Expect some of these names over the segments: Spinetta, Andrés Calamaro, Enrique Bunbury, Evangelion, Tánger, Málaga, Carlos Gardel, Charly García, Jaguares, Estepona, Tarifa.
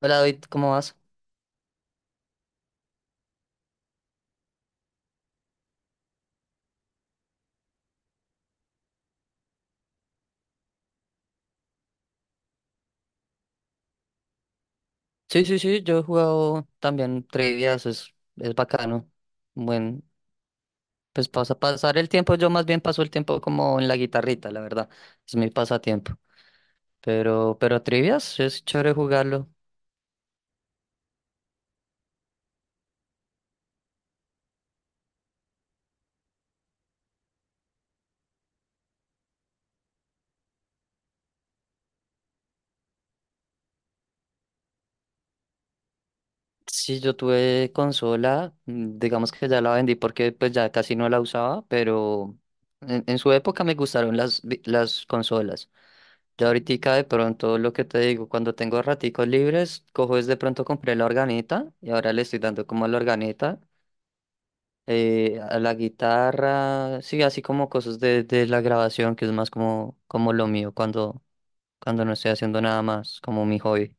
Hola David, ¿cómo vas? Sí, sí, sí, yo he jugado también trivias, es bacano. Buen, pues pasar el tiempo, yo más bien paso el tiempo como en la guitarrita, la verdad, es mi pasatiempo. Pero trivias, es chévere jugarlo. Sí, yo tuve consola, digamos que ya la vendí porque pues ya casi no la usaba, pero en su época me gustaron las, las consolas. Yo ahorita de pronto lo que te digo, cuando tengo raticos libres, cojo es de pronto compré la organeta y ahora le estoy dando como a la organeta, a la guitarra, sí, así como cosas de la grabación, que es más como, como lo mío cuando no estoy haciendo nada más, como mi hobby.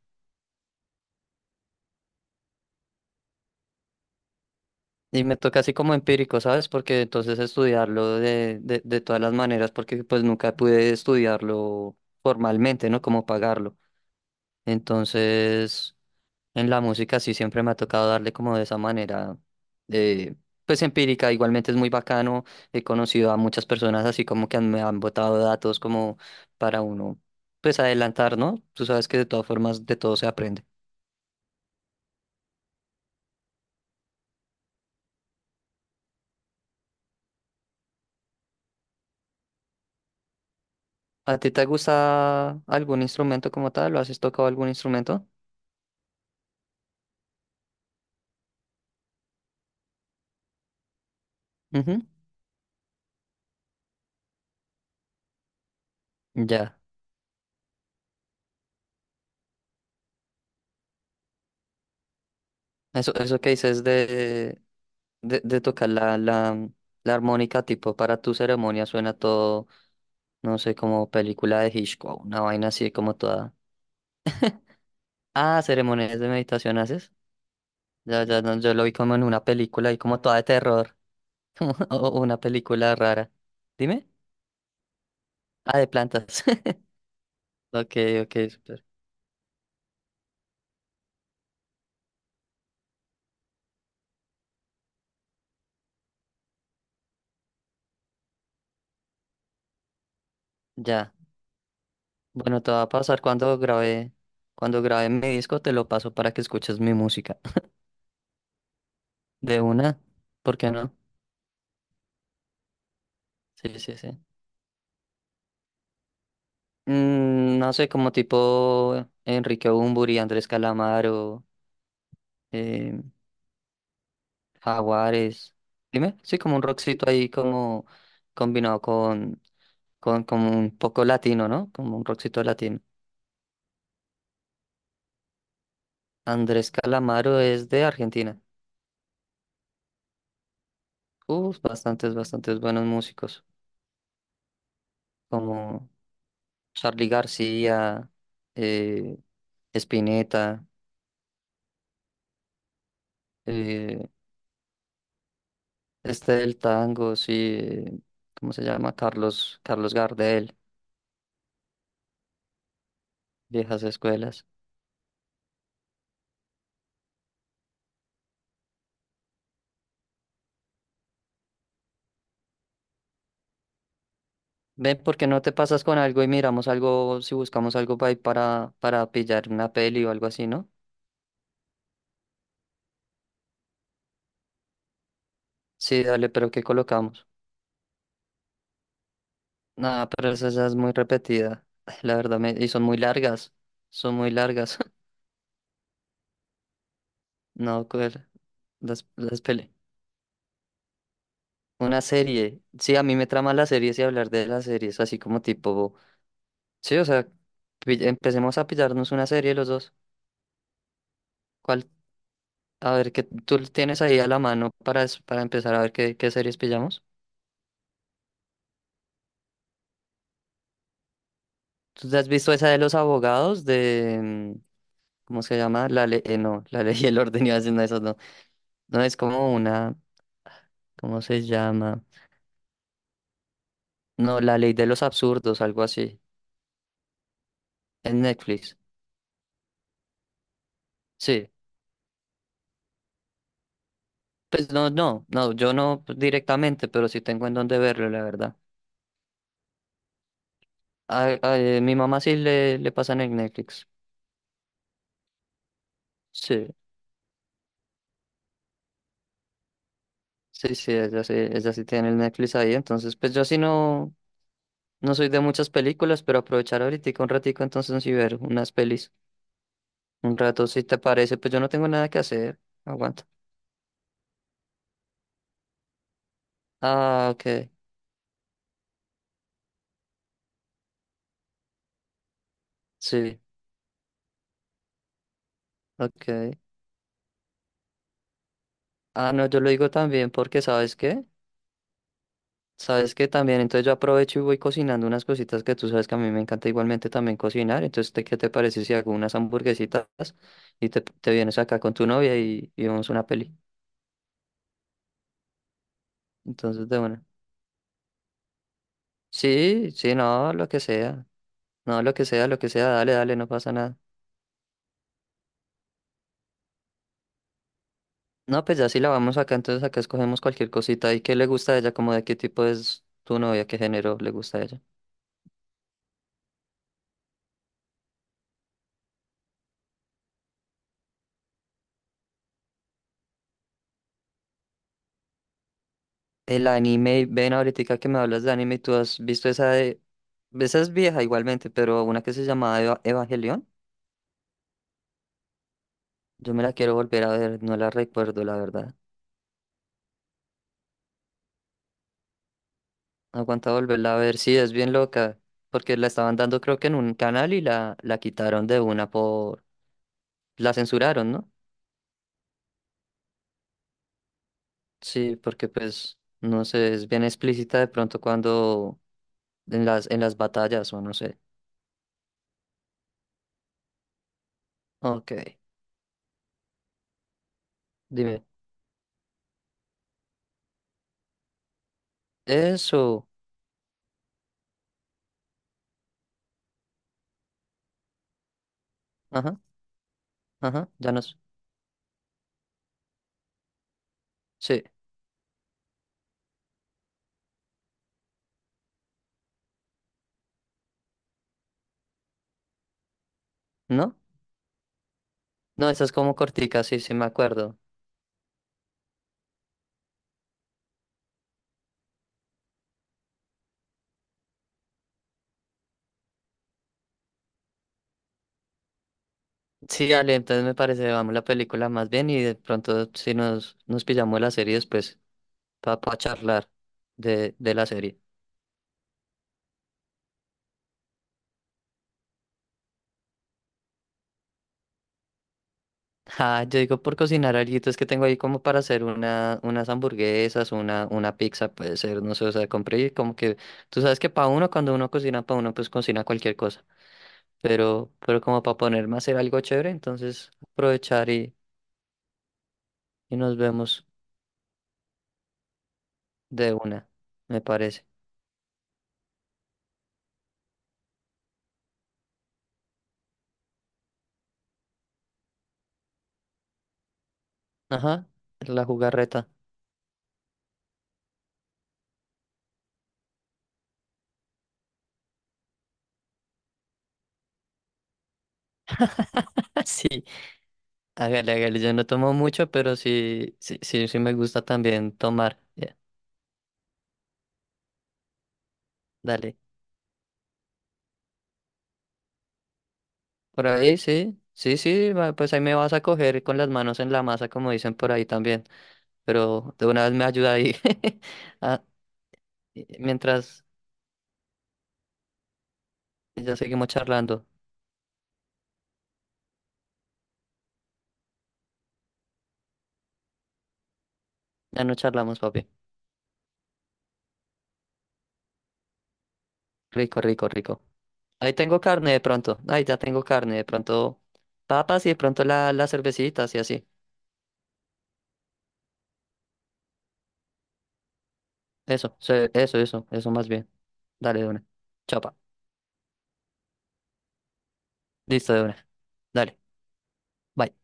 Y me toca así como empírico, ¿sabes? Porque entonces estudiarlo de todas las maneras, porque pues nunca pude estudiarlo formalmente, ¿no? Como pagarlo. Entonces... En la música sí siempre me ha tocado darle como de esa manera, eh, pues empírica, igualmente es muy bacano, he conocido a muchas personas así como que han- me han botado datos como para uno, pues adelantar, ¿no? Tú sabes que de todas formas de todo se aprende. ¿A ti te gusta algún instrumento como tal? ¿Lo has tocado algún instrumento? Ujú. Ya, eso que dices de tocar la armónica tipo para tu ceremonia suena todo, no sé, como película de Hitchcock, una vaina así como toda... Ah, ceremonias de meditación haces. Ya, ya, no, yo lo vi como en una película y como toda de terror. Como una película rara. Dime. Ah, de plantas. Ok, ok, super. Ya. Bueno, te va a pasar cuando grabe mi disco, te lo paso para que escuches mi música. De una, ¿por qué no? Sí, sí, sí. No sé, como tipo Enrique Bunbury, Andrés Calamaro, eh, Jaguares. Dime, sí, como un rockcito ahí como combinado con como un poco latino, ¿no? Como un rockcito latino. Andrés Calamaro es de Argentina. Uf, bastantes, bastantes buenos músicos, como Charly García, eh, Spinetta, eh, este del tango, sí, eh, ¿cómo se llama? Carlos, Carlos Gardel, viejas escuelas. Ven, ¿por qué no te pasas con algo y miramos algo, si buscamos algo para pillar una peli o algo así, ¿no? Sí, dale, pero ¿qué colocamos? Nada, pero esa ya es muy repetida. La verdad, y son muy largas. Son muy largas. No, las pele. Una serie. Sí, a mí me trama las series y hablar de las series, así como tipo. Sí, o sea, empecemos a pillarnos una serie los dos. ¿Cuál? A ver, ¿qué tú tienes ahí a la mano para, para empezar a ver qué, qué series pillamos? ¿Tú te has visto esa de los abogados de, ¿cómo se llama? La ley. No, la ley y el orden iba haciendo eso no. No, es como una. ¿Cómo se llama? No, la ley de los absurdos, algo así, en Netflix. Sí, pues no, no, no, yo no directamente, pero sí tengo en dónde verlo, la verdad. Mi mamá sí le pasan en el Netflix. Sí, sí, sí, ella sí, ella sí tiene el Netflix ahí, entonces pues yo sí no, no soy de muchas películas, pero aprovechar ahorita un ratico entonces sí ver unas pelis. Un rato, si te parece, pues yo no tengo nada que hacer, aguanta. Ah, ok, sí, ok. Ah, no, yo lo digo también porque, ¿sabes qué? Sabes que también, entonces yo aprovecho y voy cocinando unas cositas que tú sabes que a mí me encanta igualmente también cocinar. Entonces, ¿qué te parece si hago unas hamburguesitas y te vienes acá con tu novia y vemos una peli? Entonces, de una. Sí, sí, no, lo que sea. No, lo que sea, dale, dale, no pasa nada. No, pues ya si la vamos acá, entonces acá escogemos cualquier cosita. ¿Y qué le gusta a ella? ¿Como de qué tipo es tu novia? ¿Qué género le gusta a ella? El anime, ven ahorita que me hablas de anime, ¿tú has visto esa de esa es vieja igualmente, pero una que se llamaba Evangelion, yo me la quiero volver a ver, no la recuerdo la verdad. Aguanta volverla a ver, sí, es bien loca, porque la estaban dando creo que en un canal y la quitaron de una por... la censuraron, ¿no? Sí, porque pues, no sé, es bien explícita de pronto cuando en en las batallas o no sé. Ok, dime. Eso. Ajá, ajá, ya no sé. Sí, ¿no? No, esa es como cortica, sí, sí me acuerdo. Sí, Ale, entonces me parece, vamos la película más bien y de pronto si nos pillamos la serie después para charlar de la serie. Ah, yo digo por cocinar alguito, es que tengo ahí como para hacer una, unas hamburguesas, una pizza, puede ser, no sé, o sea, compré y como que, tú sabes que para uno, cuando uno cocina para uno, pues cocina cualquier cosa, pero como para ponerme a hacer algo chévere, entonces aprovechar y nos vemos de una, me parece. Ajá, la jugarreta. Sí. Hágale, hágale, yo no tomo mucho, pero sí, sí, sí, sí me gusta también tomar. Ya, dale. Por ahí sí, sí, sí, va, pues ahí me vas a coger con las manos en la masa, como dicen por ahí también. Pero de una vez me ayuda ahí. Ah, y- mientras ya seguimos charlando. Ya no charlamos, papi. Rico, rico, rico. Ahí tengo carne de pronto. Ahí ya tengo carne. De pronto papas y de pronto las cervecitas y así. Eso, se- eso más bien. Dale de una. Chapa. Listo de una. Dale. Bye.